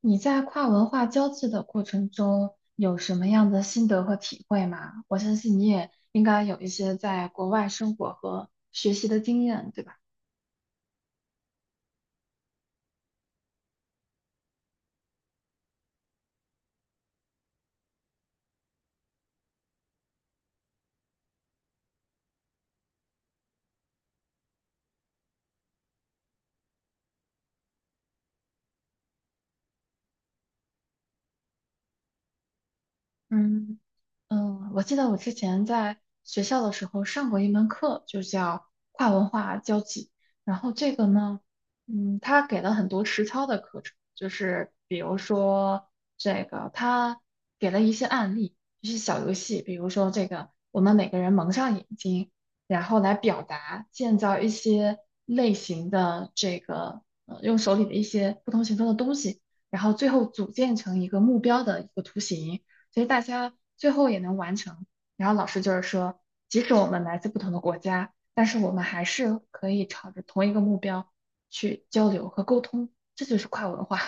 你在跨文化交际的过程中有什么样的心得和体会吗？我相信你也应该有一些在国外生活和学习的经验，对吧？嗯。嗯，我记得我之前在学校的时候上过一门课，就叫跨文化交际。然后这个呢，嗯，他给了很多实操的课程，就是比如说这个，他给了一些案例，一些小游戏，比如说这个，我们每个人蒙上眼睛，然后来表达，建造一些类型的这个，用手里的一些不同形状的东西，然后最后组建成一个目标的一个图形。所以大家最后也能完成。然后老师就是说，即使我们来自不同的国家，但是我们还是可以朝着同一个目标去交流和沟通，这就是跨文化。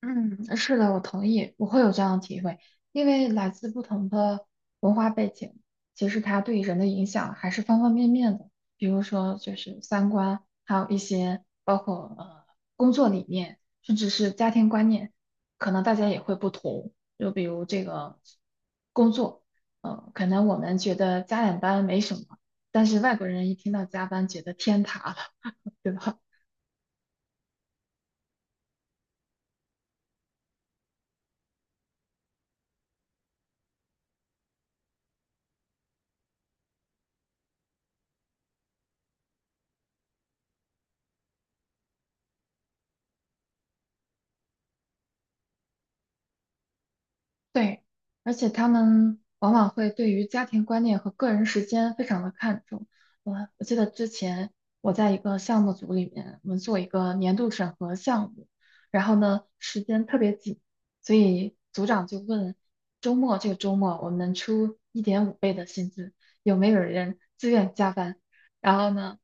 嗯，是的，我同意，我会有这样的体会，因为来自不同的文化背景，其实它对人的影响还是方方面面的，比如说就是三观，还有一些包括工作理念，甚至是家庭观念，可能大家也会不同。就比如这个工作，可能我们觉得加点班没什么，但是外国人一听到加班，觉得天塌了，对吧？对，而且他们往往会对于家庭观念和个人时间非常的看重。我记得之前我在一个项目组里面，我们做一个年度审核项目，然后呢时间特别紧，所以组长就问这个周末我们出一点五倍的薪资，有没有人自愿加班？然后呢，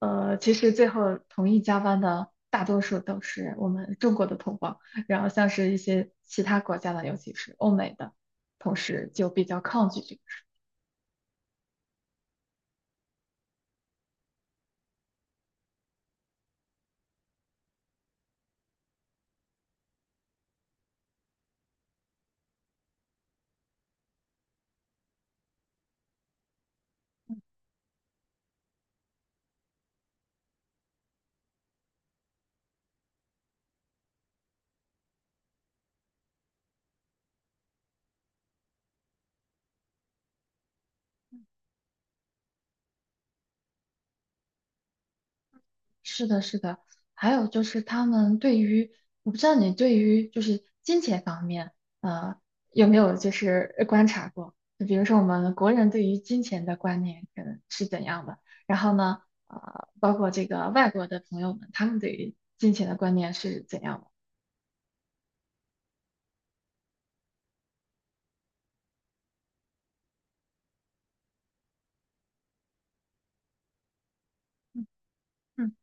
其实最后同意加班的大多数都是我们中国的同胞，然后像是一些其他国家的，尤其是欧美的同事就比较抗拒这个事。是的，是的。还有就是他们对于，我不知道你对于就是金钱方面，呃，有没有就是观察过？就比如说我们国人对于金钱的观念可能是怎样的，然后呢，包括这个外国的朋友们，他们对于金钱的观念是怎样的？嗯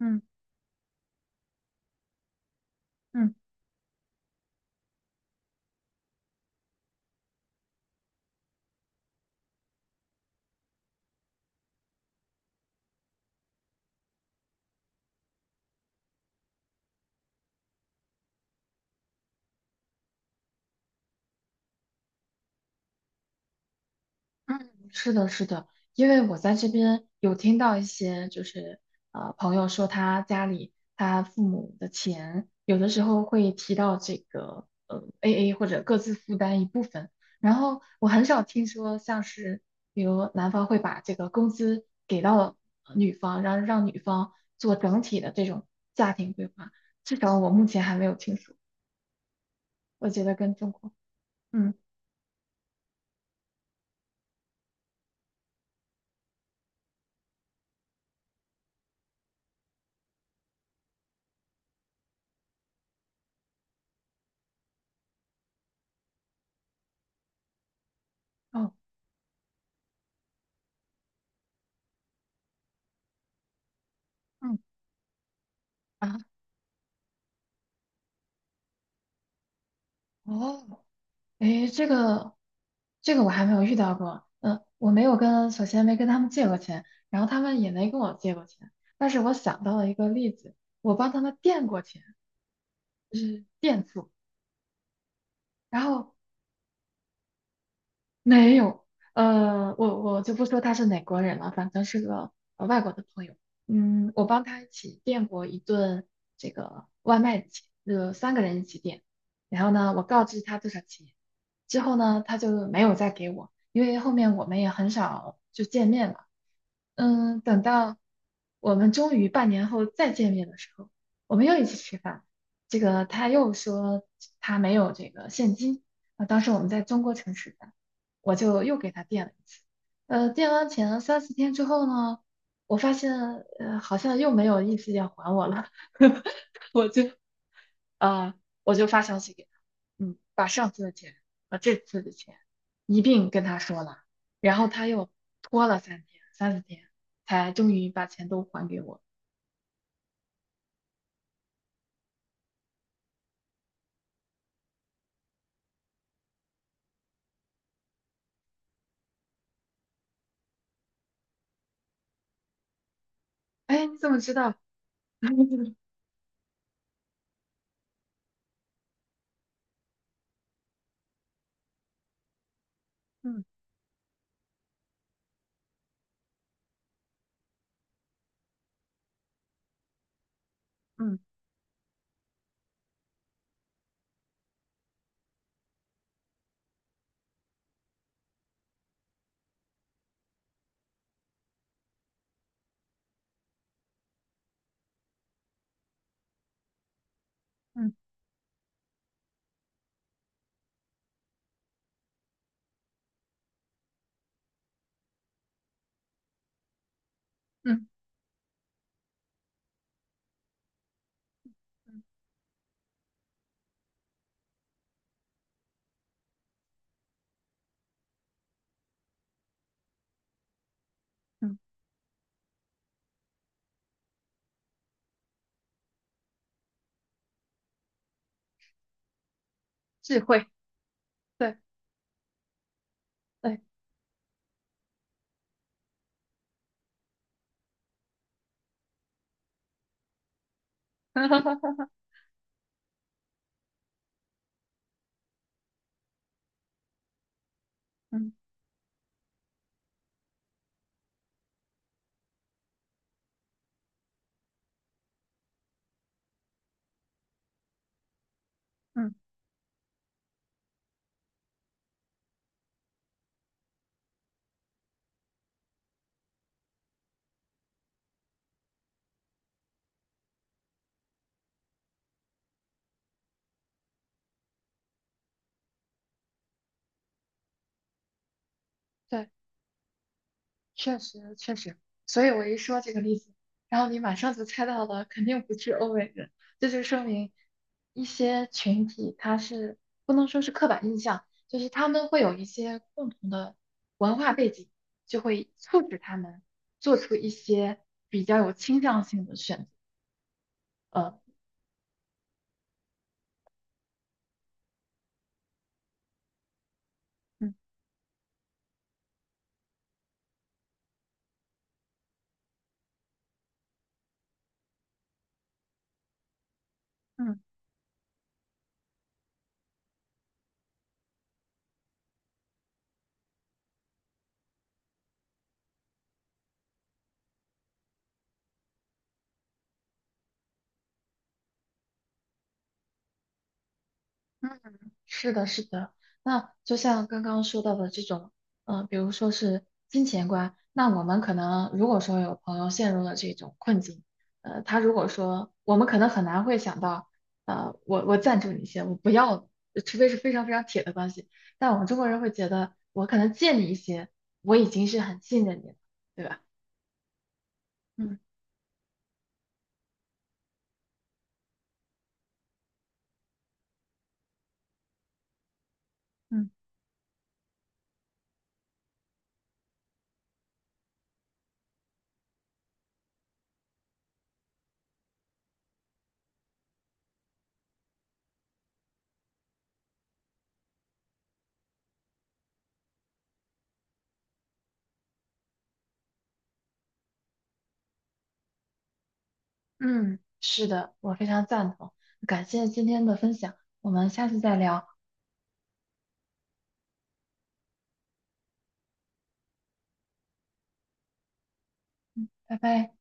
嗯嗯。嗯，是的，是的，因为我在这边有听到一些，就是,朋友说他家里他父母的钱，有的时候会提到这个 AA 或者各自负担一部分，然后我很少听说像是比如男方会把这个工资给到女方，然后让女方做整体的这种家庭规划，至少我目前还没有听说，我觉得跟中国，嗯，哦，嗯啊，哦。诶，这个我还没有遇到过。嗯，我没有跟，首先没跟他们借过钱，然后他们也没跟我借过钱。但是我想到了一个例子，我帮他们垫过钱，就是垫付。然后没有，我就不说他是哪国人了，反正是个外国的朋友。嗯，我帮他一起垫过一顿这个外卖的钱，三个人一起点。然后呢，我告知他多少钱，之后呢，他就没有再给我，因为后面我们也很少就见面了。嗯，等到我们终于半年后再见面的时候，我们又一起吃饭。这个他又说他没有这个现金啊，当时我们在中国城吃饭，我就又给他垫了一次。垫完钱三四天之后呢，我发现好像又没有意思要还我了，我就呃，我就发消息给他，嗯，把上次的钱和这次的钱一并跟他说了，然后他又拖了三天、三四天，才终于把钱都还给我。哎，你怎么知道？嗯嗯嗯嗯嗯嗯，智慧，对对，嗯嗯嗯。对。确实确实，所以我一说这个例子，然后你马上就猜到了，肯定不是欧美人，这就说明一些群体他是不能说是刻板印象，就是他们会有一些共同的文化背景，就会促使他们做出一些比较有倾向性的选择。呃嗯嗯。嗯，是的，是的。那就像刚刚说到的这种，比如说是金钱观，那我们可能如果说有朋友陷入了这种困境，他如果说我们可能很难会想到，我赞助你一些，我不要，除非是非常非常铁的关系。但我们中国人会觉得，我可能借你一些，我已经是很信任你了，对吧？嗯嗯，嗯，是的，我非常赞同。感谢今天的分享，我们下次再聊，拜拜。